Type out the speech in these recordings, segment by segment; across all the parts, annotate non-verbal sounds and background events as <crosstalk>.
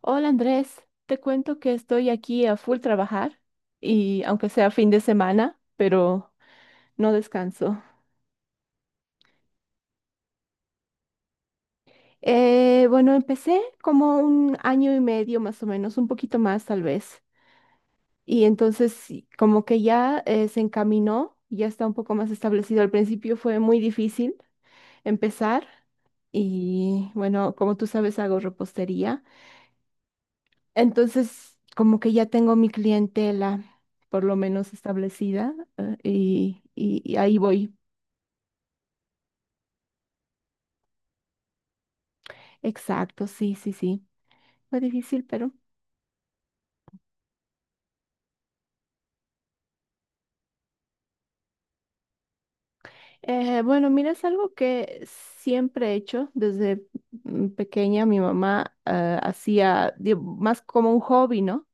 Hola Andrés, te cuento que estoy aquí a full trabajar y aunque sea fin de semana, pero no descanso. Bueno, empecé como un año y medio más o menos, un poquito más tal vez. Y entonces sí, como que ya se encaminó, ya está un poco más establecido. Al principio fue muy difícil empezar y bueno, como tú sabes, hago repostería. Entonces, como que ya tengo mi clientela por lo menos establecida y ahí voy. Exacto, sí, sí, sí. Fue difícil, pero bueno, mira, es algo que siempre he hecho desde pequeña. Mi mamá más como un hobby, ¿no?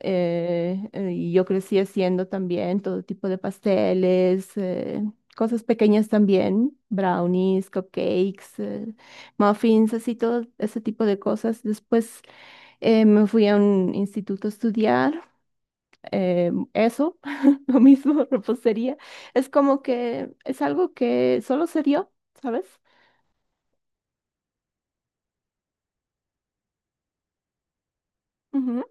y yo crecí haciendo también todo tipo de pasteles, cosas pequeñas también, brownies, cupcakes, muffins, así todo ese tipo de cosas. Después me fui a un instituto a estudiar eso, <laughs> lo mismo, repostería. Es como que es algo que solo se dio, ¿sabes? Ujú.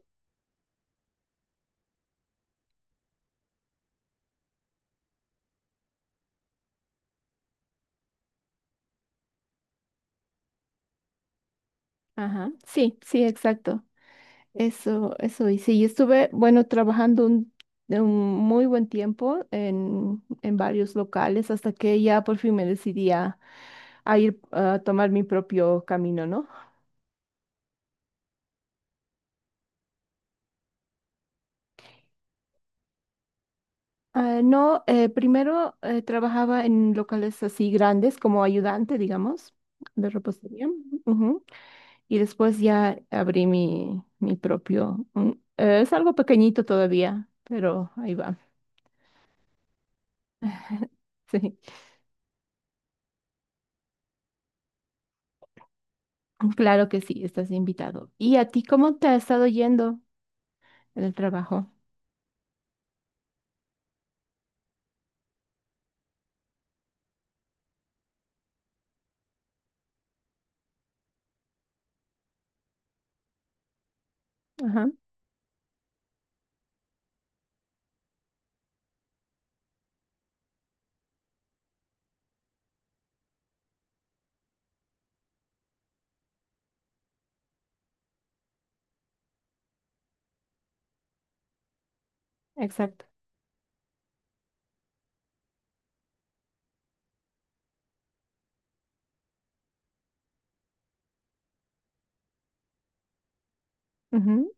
Ajá, sí, sí, exacto. Eso hice. Y estuve, bueno, de un muy buen tiempo en varios locales hasta que ya por fin me decidí a ir a tomar mi propio camino, ¿no? Ah, no, primero trabajaba en locales así grandes como ayudante, digamos, de repostería. Ujú. Y después ya abrí mi propio. Es algo pequeñito todavía, pero ahí va. <laughs> Sí. Claro que sí, estás invitado. ¿Y a ti cómo te ha estado yendo en el trabajo? Ajá, exacto. Ujú.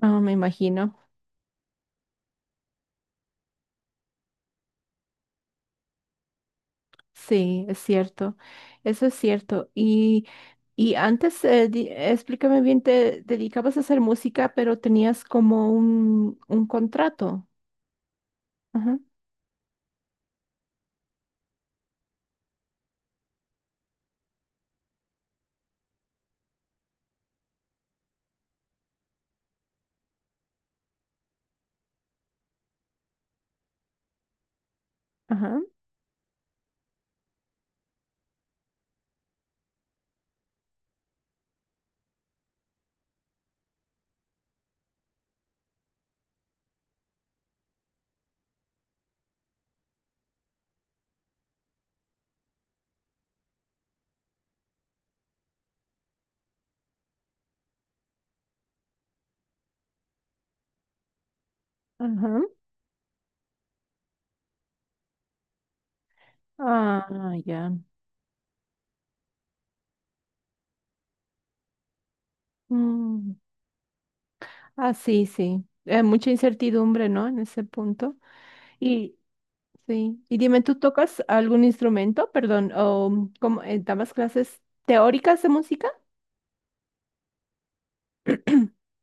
Ah, me imagino. Sí, es cierto. Eso es cierto. Y antes, explícame bien, te dedicabas a hacer música, pero tenías como un contrato. Ajá, ajá, ajá. Ah, ya. Mm. Ah, sí, sí. Mucha incertidumbre, ¿no? En ese punto. Y, sí. Y dime, ¿tú tocas algún instrumento? Perdón, o ¿cómo, dabas clases teóricas de música? <clears throat>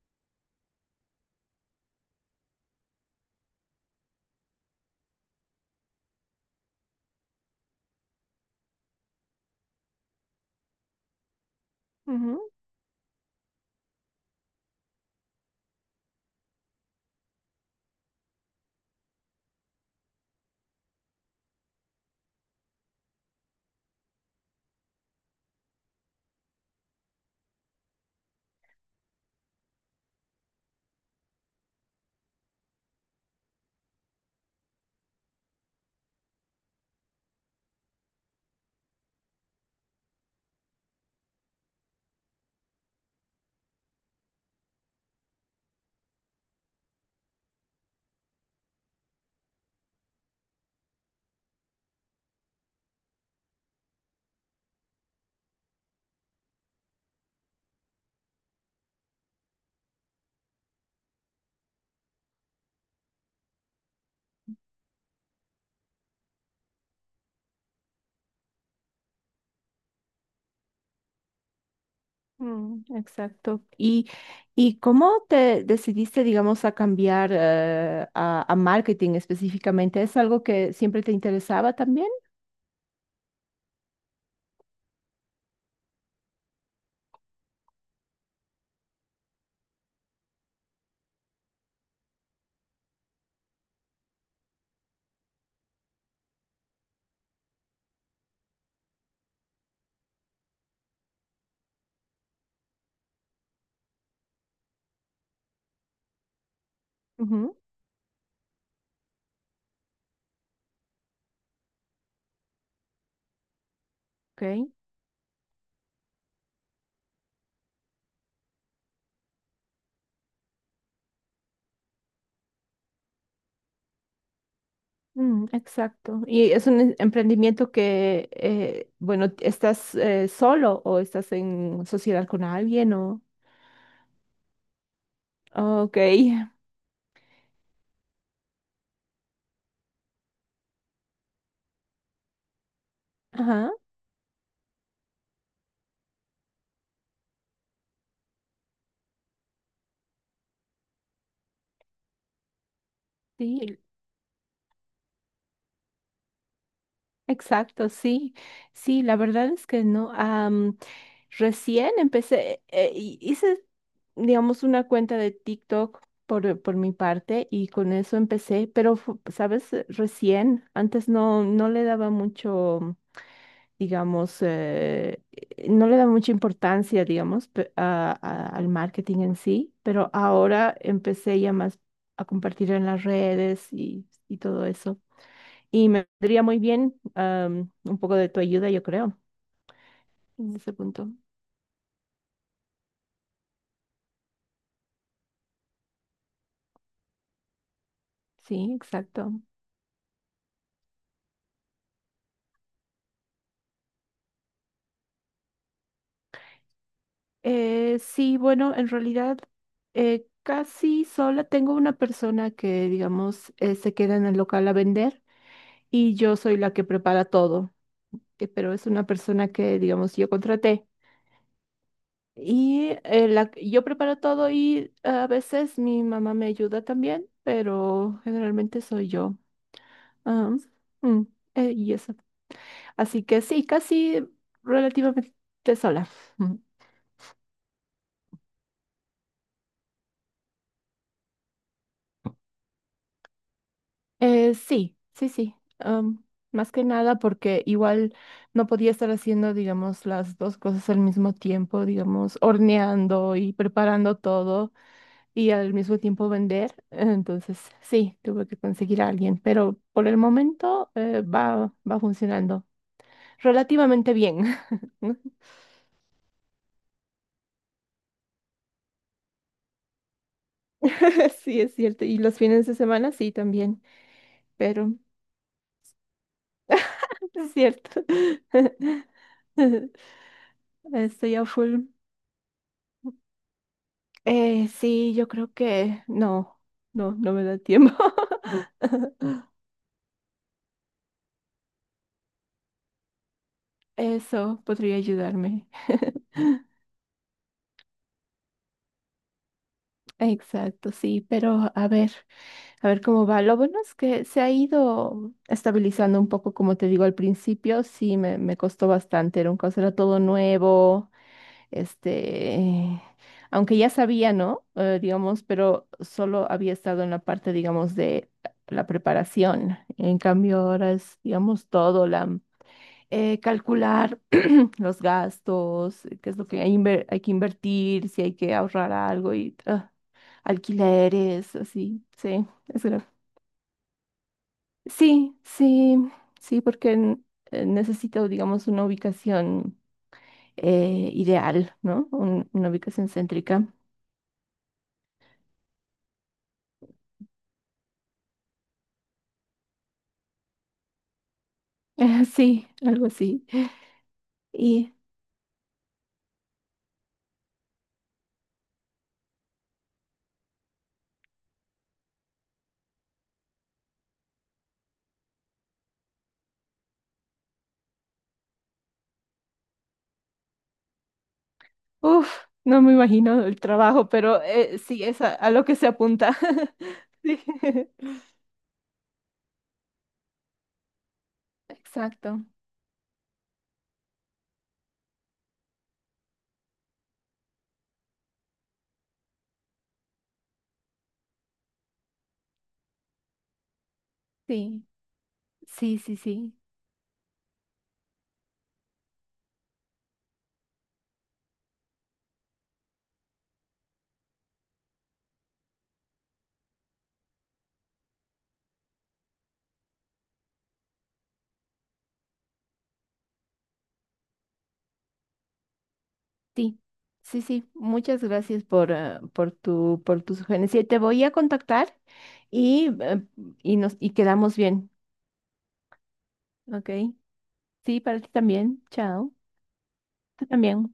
Ujú. Mm, exacto. ¿Y cómo te decidiste, digamos, a cambiar a marketing específicamente? ¿Es algo que siempre te interesaba también? Ujú, ok. Mm, exacto. ¿Y es un emprendimiento que, bueno, estás solo o estás en sociedad con alguien o... Ah, ok. Ajá, sí. Exacto, sí, sí, la verdad es que no. Recién empecé, y hice, digamos, una cuenta de TikTok por mi parte y con eso empecé, pero, ¿sabes? Recién, antes no, no le daba mucho, digamos, no le daba mucha importancia, digamos, al marketing en sí, pero ahora empecé ya más a compartir en las redes y todo eso. Y me vendría muy bien un poco de tu ayuda, yo creo, en ese punto. Sí, exacto. Sí, bueno, en realidad casi sola. Tengo una persona que, digamos, se queda en el local a vender y yo soy la que prepara todo, pero es una persona que, digamos, yo contraté. Y yo preparo todo y a veces mi mamá me ayuda también, pero generalmente soy yo. Ah, mm, y eso. Así que sí, casi relativamente sola. Mm. Sí, sí, sí. Más que nada porque igual no podía estar haciendo, digamos, las dos cosas al mismo tiempo, digamos, horneando y preparando todo y al mismo tiempo vender. Entonces, sí, tuve que conseguir a alguien, pero por el momento va funcionando relativamente bien. <laughs> Sí, es cierto. Y los fines de semana sí también, pero... Es cierto. <laughs> Estoy a full. Sí, yo creo que no, no, no me da tiempo. <laughs> Eso podría ayudarme. Exacto, sí, pero a ver cómo va. Lo bueno es que se ha ido estabilizando un poco, como te digo al principio, sí, me costó bastante, era un caso, era todo nuevo. Este, aunque ya sabía, ¿no? Digamos, pero solo había estado en la parte, digamos, de la preparación. En cambio, ahora es, digamos, todo la calcular <clears throat> los gastos, qué es lo que hay, hay que invertir, si hay que ahorrar algo y ah, alquileres, así, sí, es sí, sí, sí, porque necesito, digamos, una ubicación ideal, ¿no? Una ubicación céntrica. <laughs> Sí, algo así. Y, uff, no me imagino el trabajo, pero sí, es a lo que se apunta. <laughs> Sí. <laughs> Exacto. Sí, sí, sí, sí, sí. Sí, sí, muchas gracias por, ah, por tu sugerencia. Te voy a contactar y, eh, y nos, y quedamos bien. Ok. Sí, para ti también. Chao. Tú también.